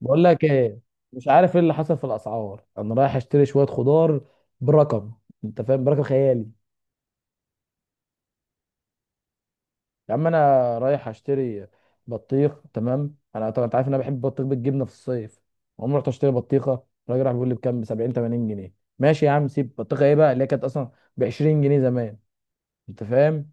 بقول لك ايه؟ مش عارف ايه اللي حصل في الاسعار. انا رايح اشتري شويه خضار برقم. انت فاهم؟ برقم خيالي. يا عم انا رايح اشتري بطيخ. تمام، انا طبعا انت عارف ان انا بحب البطيخ بالجبنه في الصيف. عمري رحت اشتري بطيخه، الراجل راح بيقول لي بكام؟ ب 70 80 جنيه. ماشي يا عم، سيب بطيخه، ايه بقى اللي هي كانت اصلا ب 20 جنيه زمان؟ انت فاهم.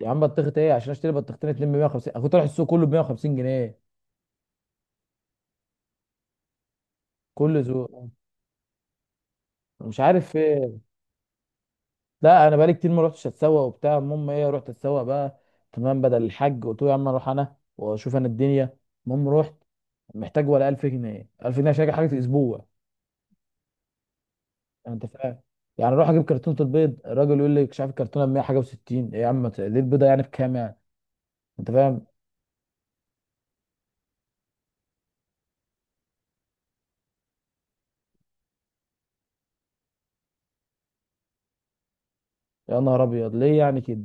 يا عم بطيخه ايه؟ عشان اشتري بطيختين اتنين ب 150، انا كنت رايح السوق كله ب 150 جنيه. كل ذوق. مش عارف ايه. لا انا بقالي كتير ما رحتش اتسوق وبتاع، المهم ايه، رحت اتسوق بقى. تمام، بدل الحج قلت له يا عم اروح انا واشوف انا الدنيا. المهم رحت، محتاج ولا 1000 جنيه، 1000 جنيه عشان أجيب حاجه في اسبوع. يعني انت فاهم، يعني اروح اجيب كرتونه البيض، الراجل يقول لي مش عارف الكرتونه ب 100 حاجه و60. ايه يا عم، ليه البيضه يعني بكام يعني؟ انت فاهم. يا نهار ابيض، ليه يعني كده؟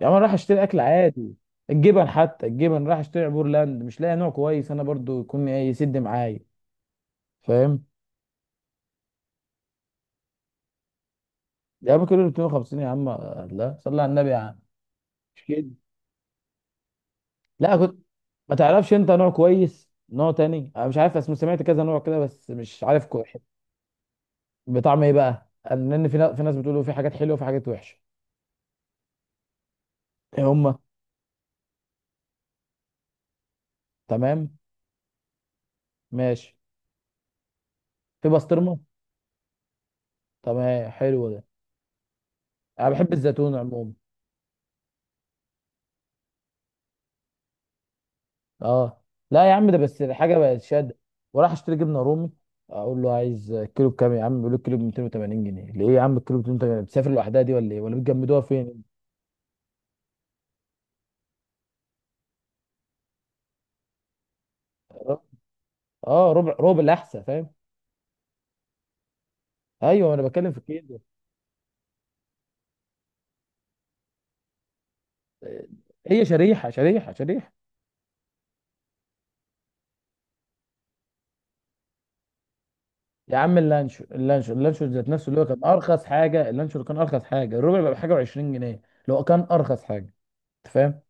يا عم انا رايح اشتري اكل عادي. الجبن، حتى الجبن رايح اشتري عبور لاند، مش لاقي نوع كويس انا برضو يكون ايه يسد معايا، فاهم. يا عم كيلو 250 يا عم؟ لا صلي على النبي يا عم، مش كده. لا كنت، ما تعرفش انت نوع كويس، نوع تاني انا مش عارف اسمه، سمعت كذا نوع كده بس مش عارف بطعم ايه بقى؟ لان في ناس بتقولوا في حاجات حلوه وفي حاجات وحشه. ايه هما؟ تمام. ماشي. في بسطرمه. تمام، حلو ده. انا بحب الزيتون عموما. اه. لا يا عم ده بس الحاجه بقت شاده. وراح اشتري جبنه رومي، اقول له عايز كيلو بكام يا عم، بيقول لي الكيلو ب 280 جنيه. ليه يا عم الكيلو ب 280؟ بتسافر لوحدها دي ولا ايه ولا بتجمدوها فين؟ اه ربع، ربع الاحسن، فاهم. ايوه انا بتكلم في كده. هي شريحه شريحه شريحه. يا عم اللانشو، اللانشو اللانشو ذات نفسه اللي هو كان ارخص حاجه، اللانشو اللي كان ارخص حاجه الربع بقى بحاجه و20 جنيه، اللي هو كان ارخص حاجه. انت فاهم.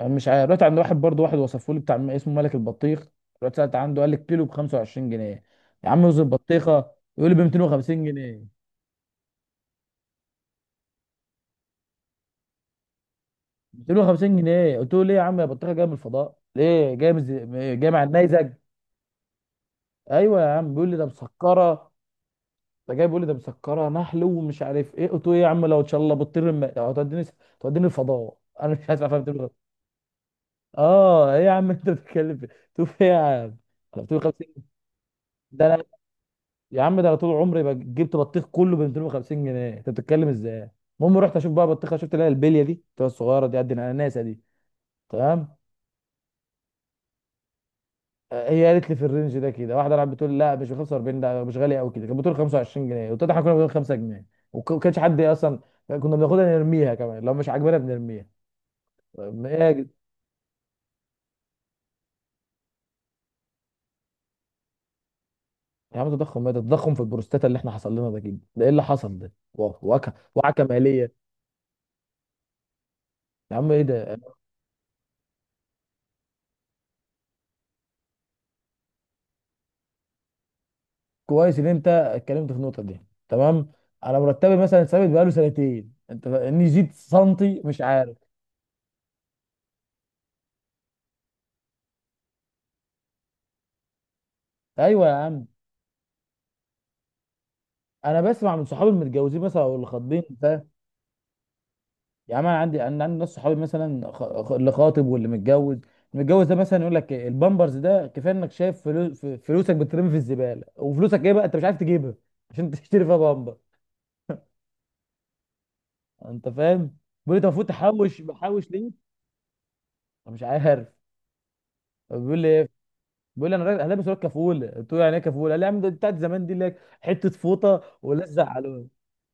انا مش عارف، رحت عند واحد برضه، واحد وصفه لي بتاع اسمه ملك البطيخ. رحت سالت عنده قال لي الكيلو ب 25 جنيه. يا عم رز البطيخه؟ يقول لي ب 250 جنيه. 250 جنيه! قلت له ليه يا عم يا بطيخه؟ جايه من الفضاء؟ ليه جايه من جايه مع النيزك؟ ايوه يا عم بيقول لي ده مسكره. ده جاي بيقول لي ده مسكره نحل ومش عارف ايه. قلت له ايه يا عم؟ لو ان شاء الله بتطير هتوديني، توديني الفضاء؟ انا مش عارف افهم بتقول إيه. اه ايه يا عم انت بتتكلم في؟ تقول ايه يا عم؟ انا بتقول 50. ده انا، يا عم ده انا طول عمري جبت بطيخ كله ب 250 جنيه، انت بتتكلم ازاي؟ المهم رحت اشوف بقى بطيخه، شفت اللي هي البليه دي بتبقى الصغيره دي قد الاناناسه دي، تمام. هي قالت لي في الرينج ده كده، واحده راحت بتقول لا مش ب 45 ده، مش غالي قوي كده، كانت بتقول 25 جنيه، وطلع احنا كنا بنقول 5 جنيه وما كانش حد اصلا، كنا بناخدها نرميها، كمان لو مش عاجبانا بنرميها، ما ايه يا يا عم تضخم ايه ده؟ التضخم في البروستاتا اللي احنا حصل لنا ده كده، ده ايه اللي حصل ده؟ وعكه، وعكه ماليه. يا عم ايه ده. كويس ان انت اتكلمت في النقطه دي، تمام. انا مرتبي مثلا ثابت بقاله سنتين، انت اني زيد سنتي مش عارف. ايوه يا عم، انا بسمع من صحابي المتجوزين مثلا او اللي خاطبين. يا عم انا عندي، انا عندي ناس صحابي مثلا اللي خاطب واللي متجوز. المتجوز ده مثلا يقول لك إيه، البامبرز ده كفايه، انك شايف فلوس، فلوسك بترمي في الزباله، وفلوسك ايه بقى انت مش عارف تجيبها عشان تشتري فيها بامبر. انت فاهم. بيقول لي انت المفروض تحوش، بحوش ليه؟ أنا مش عارف. بيقول لي ايه، بيقول لي انا هلبس لك كفوله. قلت له يعني ايه كفوله؟ قال لي يا عم ده بتاعت زمان دي، لك حته فوطه ولزق على.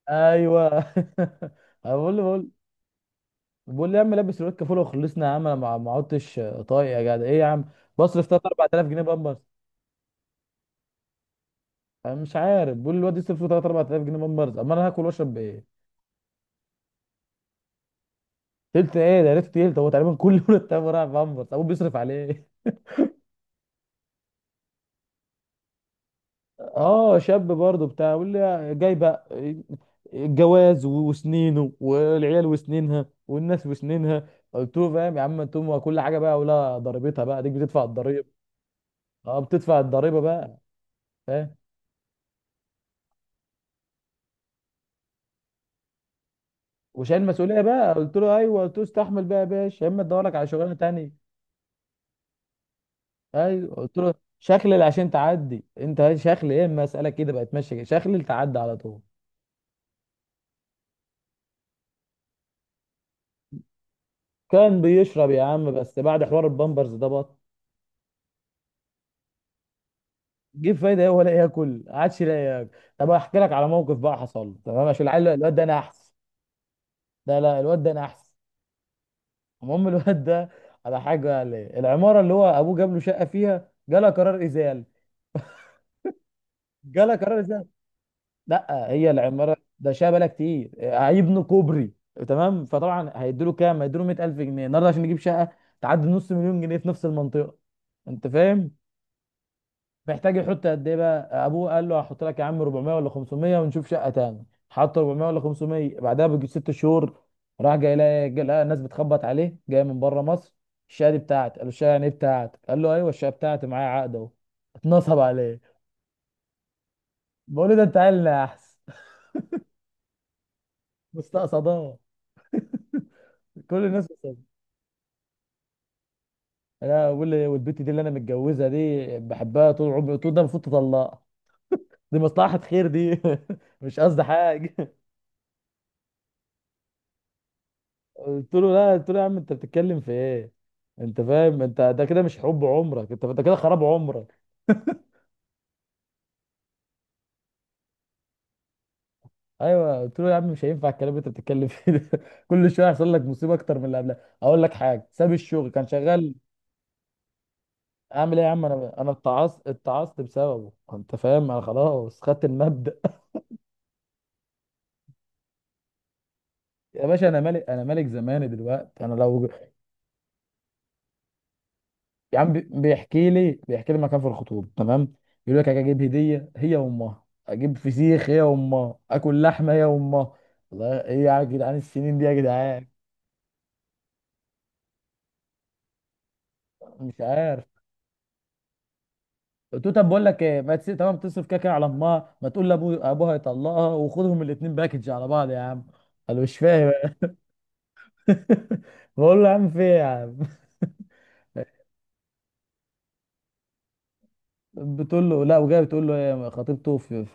ايوه بقول له. بقول لي يا عم لبس الواد كفوله وخلصنا. يا عم انا ما عدتش طايق يا جدع، ايه يا عم؟ بصرف 3 4000 جنيه بامبرز؟ انا مش عارف، بقول لي الواد يصرف 3 4000 جنيه بامبرز، اما انا هاكل واشرب بايه؟ تلت ايه ده؟ يا ريت تلت، هو تقريبا كل يوم التاني رايح بامبرز، ابوه بيصرف عليه. اه شاب برضه بتاع، بيقول لي جاي بقى الجواز وسنينه، والعيال وسنينها، والناس وسنينها. قلت له فاهم يا عم، انتم كل حاجه بقى ولا ضريبتها، بقى ديك بتدفع الضريبه. اه بتدفع الضريبه بقى، فاهم. وشايل مسؤوليه بقى، قلت له ايوه، قلت له استحمل بقى يا باشا، يا اما ادور لك على شغلانه تانية. ايوه قلت له شخلل عشان تعدي، انت شخلل ايه؟ اما اسالك كده بقى تمشي كده، شخلل تعدي على طول. كان بيشرب يا عم، بس بعد حوار البامبرز ده بط. جيب فايده ايه؟ ولا ياكل، ما عادش لاقي ياكل. طب احكي لك على موقف بقى حصل له، تمام، عشان العيل الواد ده انا احسن. ده لا الواد ده انا احسن المهم الواد ده، على حاجه قال ايه؟ العماره اللي هو ابوه جاب له شقه فيها جالها قرار ازاله. جالها قرار ازاله. لا هي العماره ده شبكه كتير، هيبنوا كوبري. تمام، فطبعا هيدوا له كام؟ هيدوا له 100,000 جنيه النهارده عشان نجيب شقه تعدي نص مليون جنيه في نفس المنطقه. انت فاهم. محتاج يحط قد ايه بقى؟ ابوه قال له هحط لك يا عم 400 ولا 500 ونشوف شقه تاني، حط 400 ولا 500، بعدها بيجي ست شهور راح جاي، لقى جاي لقى الناس بتخبط عليه جاي من بره مصر، الشقه دي بتاعتي. قال له الشقه يعني ايه بتاعتك؟ قال له ايوه الشقه بتاعتي، معايا عقد اهو. اتنصب عليه. بقول له ده انت عيلنا، يا احسن مستقصداه كل الناس. انا اقول لي والبت دي اللي انا متجوزها دي بحبها طول عمري. قلت له ده المفروض تطلقها، دي مصلحة خير دي. مش قصدي حاجة. قلت له لا، قلت له يا عم انت بتتكلم في ايه؟ انت فاهم، انت ده كده مش حب عمرك، انت انت كده خراب عمرك. ايوه قلت له يا عم مش هينفع الكلام اللي انت بتتكلم فيه ده. كل شويه يحصل لك مصيبه اكتر من اللي قبلها. اقول لك حاجه، ساب الشغل كان شغال. اعمل ايه يا عم؟ انا اتعصت، اتعصت بسببه، انت فاهم، انا خلاص خدت المبدأ. يا باشا انا ملك، انا ملك زماني دلوقتي. انا لو، يا عم بيحكي لي مكان في الخطوبه، تمام، يقول لك اجيب هديه هي وامها، اجيب فسيخ هي وامها، اكل لحمه هي وامها. والله ايه يا جدعان السنين دي يا جدعان؟ مش عارف. قلت له طب بقول لك ايه، ما تسيب، تمام، تصرف كده كده على امها، ما تقول لابو ابوها يطلقها وخدهم الاثنين باكج على بعض يا عم. قال له مش فاهم. بقول له يا عم في ايه يا عم؟ بتقول له لا وجايه بتقول له، هي خطيبته في في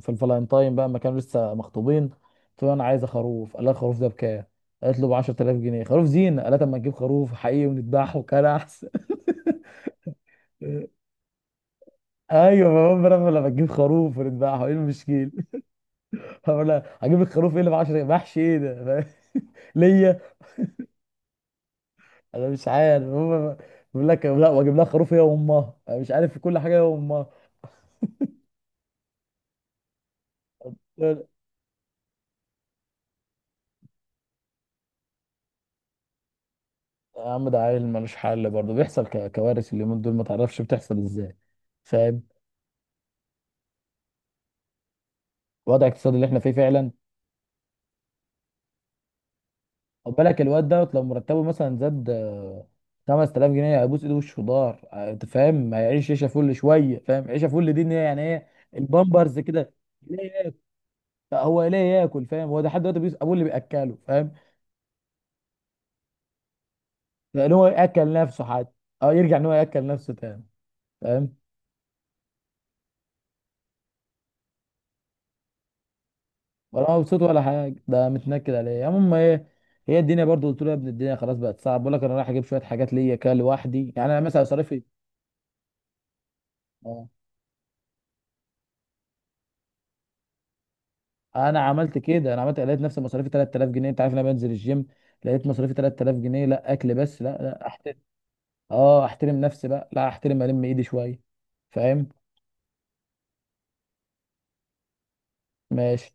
في الفالنتاين بقى ما كانوا لسه مخطوبين، قلت له انا عايزه خروف. قال لها الخروف ده بكام؟ قالت له ب 10,000 جنيه خروف زينه. قالت اما نجيب خروف حقيقي ونذبحه كان احسن. ايوه، ما هو انا لما تجيب خروف ونذبحه ايه المشكله؟ بقول لها هجيب الخروف ايه اللي ب 10 محشي ايه ده؟ فاهم؟ ليا. انا مش عارف هم، بيقول لك لا واجيب لها خروف هي وامها، أنا مش عارف في كل حاجه هي وامها. يا عم ده عيل ملوش حل، برضه بيحصل كوارث اليومين دول ما تعرفش بتحصل ازاي، فاهم. الوضع الاقتصادي اللي احنا فيه فعلا. خد بالك الواد دوت، لو مرتبه مثلا زاد آه، 5000 جنيه هيبوس ايده وشه ضار، آه، انت فاهم هيعيش عيشه فل شويه، فاهم، عيشه فل دي ان هي يعني ايه؟ البامبرز كده، يلاقي ياكل. آه، هو يلاقي ياكل، فاهم، هو ده حد دلوقتي بيس ابوه اللي بياكله، فاهم. لان هو ياكل نفسه حتى. اه يرجع ان هو ياكل نفسه تاني، فاهم. ولا مبسوط ولا حاجه، ده متنكد عليا. المهم ايه، هي الدنيا برضو. قلت له يا ابني الدنيا خلاص بقت صعب، بقول لك انا رايح اجيب شويه حاجات ليا كده لوحدي، يعني انا مثلا مصاريفي. اه انا عملت كده، انا عملت لقيت نفسي مصاريفي 3000 جنيه، انت عارف إن انا بنزل الجيم، لقيت مصاريفي 3000 جنيه، لا اكل بس، لا احترم. اه احترم نفسي بقى، لا احترم الم ايدي شويه، فاهم. ماشي.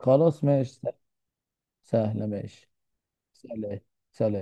خلاص ماشي. سهله ماشي. سلام. سلام.